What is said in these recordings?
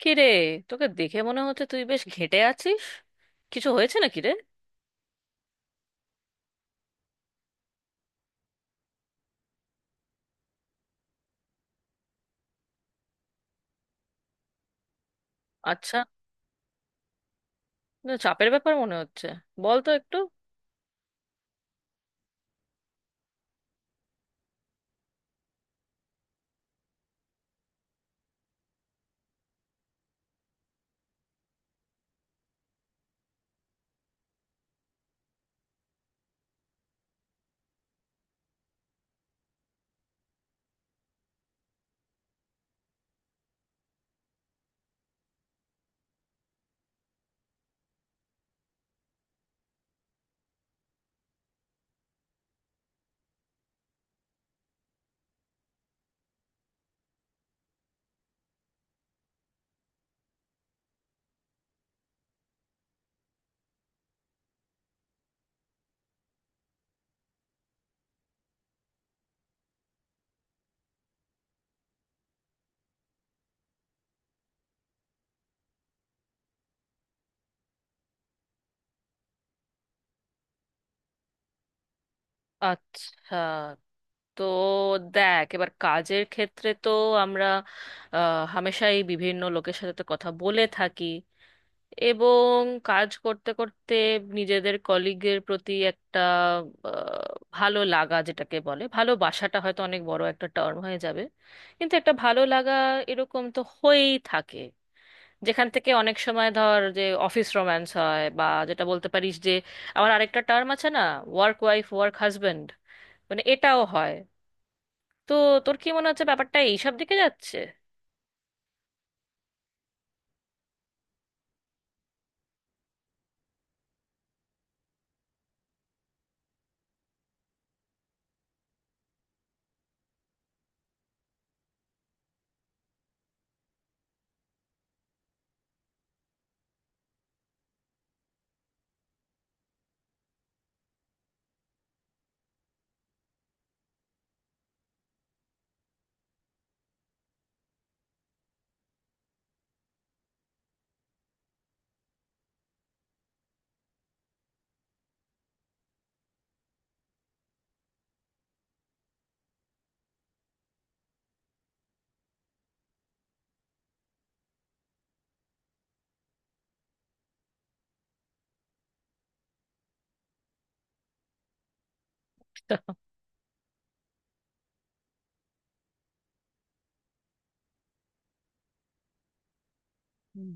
কি রে? তোকে দেখে মনে হচ্ছে তুই বেশ ঘেঁটে আছিস। কিছু হয়েছে নাকি রে? আচ্ছা। না, চাপের ব্যাপার মনে হচ্ছে। বল তো একটু। আচ্ছা, তো দেখ, এবার কাজের ক্ষেত্রে তো আমরা হামেশাই বিভিন্ন লোকের সাথে তো কথা বলে থাকি, এবং কাজ করতে করতে নিজেদের কলিগের প্রতি একটা আহ, ভালো লাগা, যেটাকে বলে ভালোবাসাটা হয়তো অনেক বড় একটা টার্ম হয়ে যাবে, কিন্তু একটা ভালো লাগা এরকম তো হয়েই থাকে, যেখান থেকে অনেক সময় ধর যে অফিস রোম্যান্স হয়, বা যেটা বলতে পারিস যে আমার আরেকটা টার্ম আছে না, ওয়ার্ক ওয়াইফ ওয়ার্ক হাজবেন্ড, মানে এটাও হয়। তো তোর কি মনে হচ্ছে ব্যাপারটা এইসব দিকে যাচ্ছে? হুম।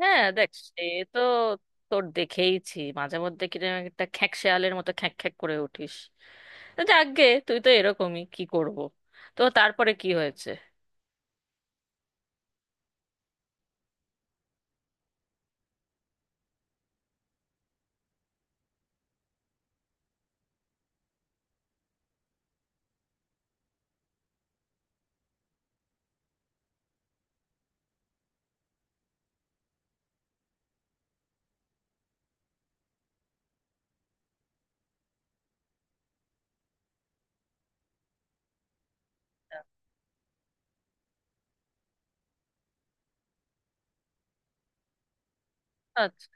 হ্যাঁ, দেখ সে, তো তোর দেখেইছি মাঝে মধ্যে কিরকম একটা খ্যাঁক শেয়ালের মতো খ্যাঁক খ্যাঁক করে উঠিস। তো যাকগে, তুই তো এরকমই, কি করব। তো তারপরে কি হয়েছে? আচ্ছা।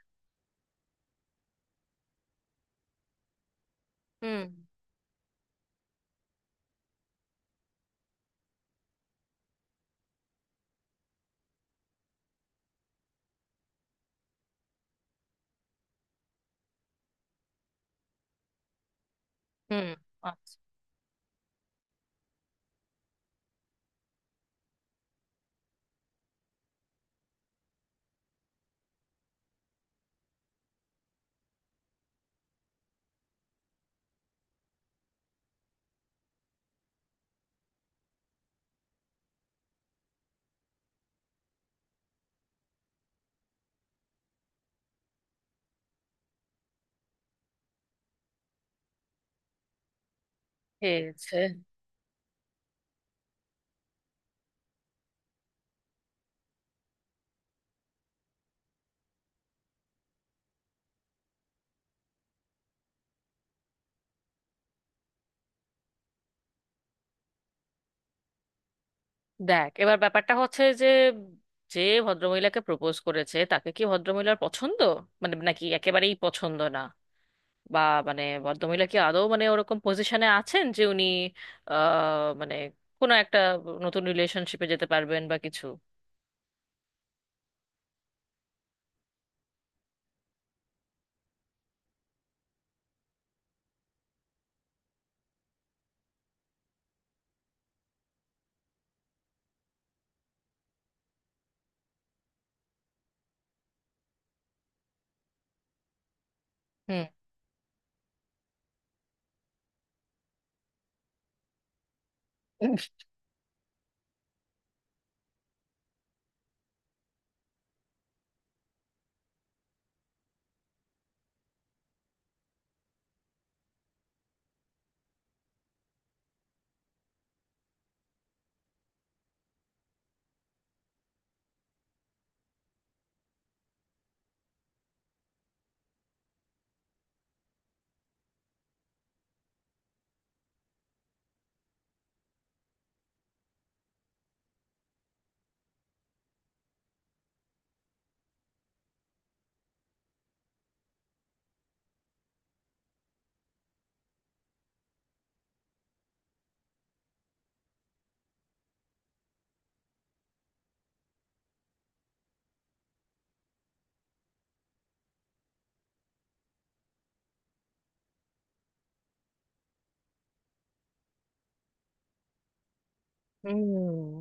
হুম। হুম। আচ্ছা। খেয়েছে। দেখ, এবার ব্যাপারটা হচ্ছে যে, যে ভদ্রমহিলাকে প্রপোজ করেছে তাকে কি ভদ্রমহিলার পছন্দ, মানে, নাকি একেবারেই পছন্দ না? বা মানে ভদ্রমহিলা কি আদৌ মানে ওরকম পজিশনে আছেন যে উনি আহ মানে কোনো একটা নতুন রিলেশনশিপে যেতে পারবেন বা কিছু? হুম। হুম।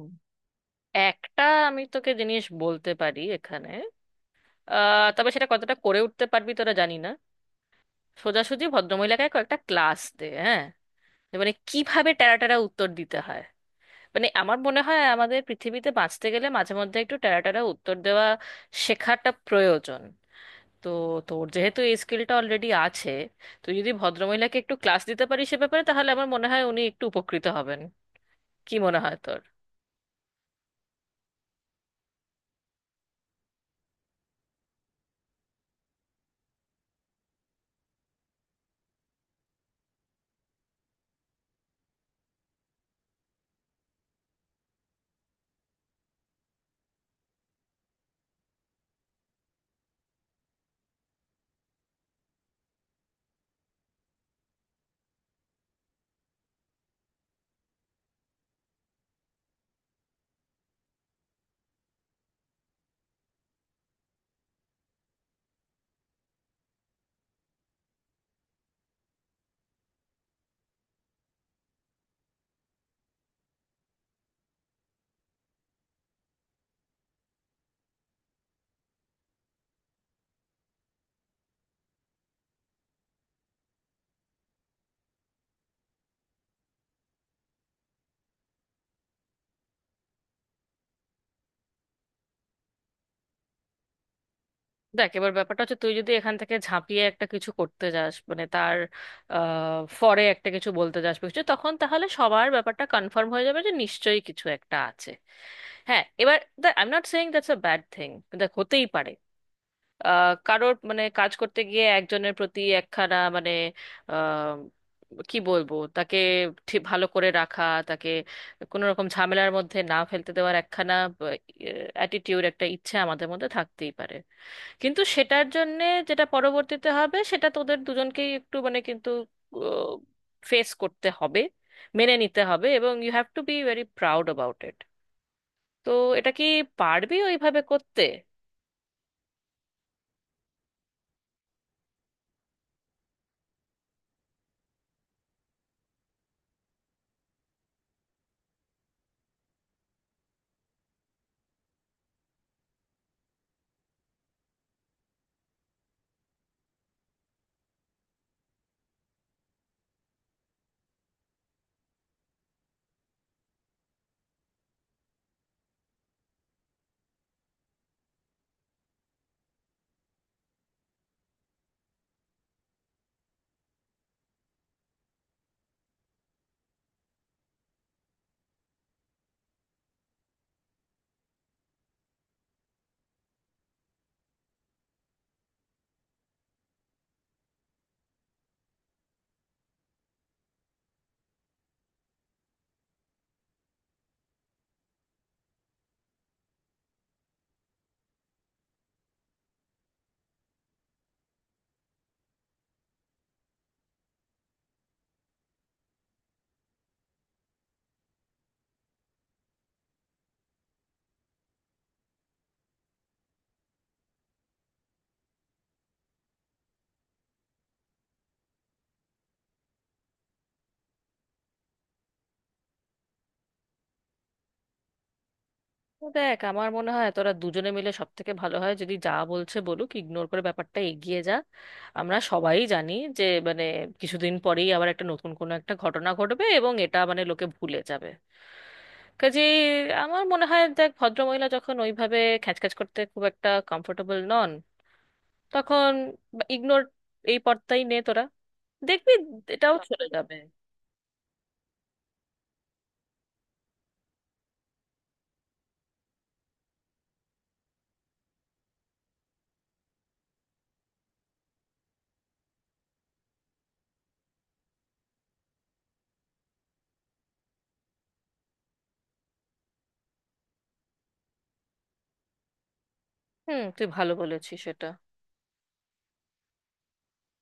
একটা, আমি তোকে জিনিস বলতে পারি এখানে, আহ, তবে সেটা কতটা করে উঠতে পারবি তোরা জানি না। সোজাসুজি ভদ্রমহিলাকে কয়েকটা ক্লাস দে, হ্যাঁ, যে মানে কিভাবে টেরা টেরা উত্তর দিতে হয়। মানে আমার মনে হয় আমাদের পৃথিবীতে বাঁচতে গেলে মাঝে মধ্যে একটু টেরা টেরা উত্তর দেওয়া শেখাটা প্রয়োজন। তো তোর যেহেতু এই স্কিলটা অলরেডি আছে, তুই যদি ভদ্রমহিলাকে একটু ক্লাস দিতে পারিস সে ব্যাপারে, তাহলে আমার মনে হয় উনি একটু উপকৃত হবেন। কি মনে হয় তোর? দেখ, এবার ব্যাপারটা হচ্ছে, তুই যদি এখান থেকে ঝাঁপিয়ে একটা কিছু করতে যাস মানে তার ফরে একটা কিছু বলতে যাস বা কিছু, তখন তাহলে সবার ব্যাপারটা কনফার্ম হয়ে যাবে যে নিশ্চয়ই কিছু একটা আছে। হ্যাঁ, এবার দেখ, I am not saying that's a bad thing. দেখ, হতেই পারে কারোর মানে কাজ করতে গিয়ে একজনের প্রতি একখানা মানে আহ, কি বলবো, তাকে ঠিক ভালো করে রাখা, তাকে কোনো রকম ঝামেলার মধ্যে না ফেলতে দেওয়ার একখানা অ্যাটিটিউড, একটা ইচ্ছে আমাদের মধ্যে থাকতেই পারে। কিন্তু সেটার জন্যে যেটা পরবর্তীতে হবে সেটা তোদের দুজনকেই একটু মানে কিন্তু ফেস করতে হবে, মেনে নিতে হবে, এবং you have to be very proud about it. তো এটা কি পারবি ওইভাবে করতে? দেখ, আমার মনে হয় তোরা দুজনে মিলে সব থেকে ভালো হয় যদি যা বলছে বলুক, ইগনোর করে ব্যাপারটা এগিয়ে যা। আমরা সবাই জানি যে মানে কিছুদিন পরেই আবার একটা নতুন কোনো একটা ঘটনা ঘটবে, এবং এটা মানে লোকে ভুলে যাবে। কাজে আমার মনে হয়, দেখ, ভদ্রমহিলা যখন ওইভাবে খ্যাচখ্যাচ করতে খুব একটা কমফোর্টেবল নন, তখন ইগনোর, এই পর্দাই নে তোরা, দেখবি এটাও চলে যাবে। হুম, তুই ভালো বলেছিস সেটা।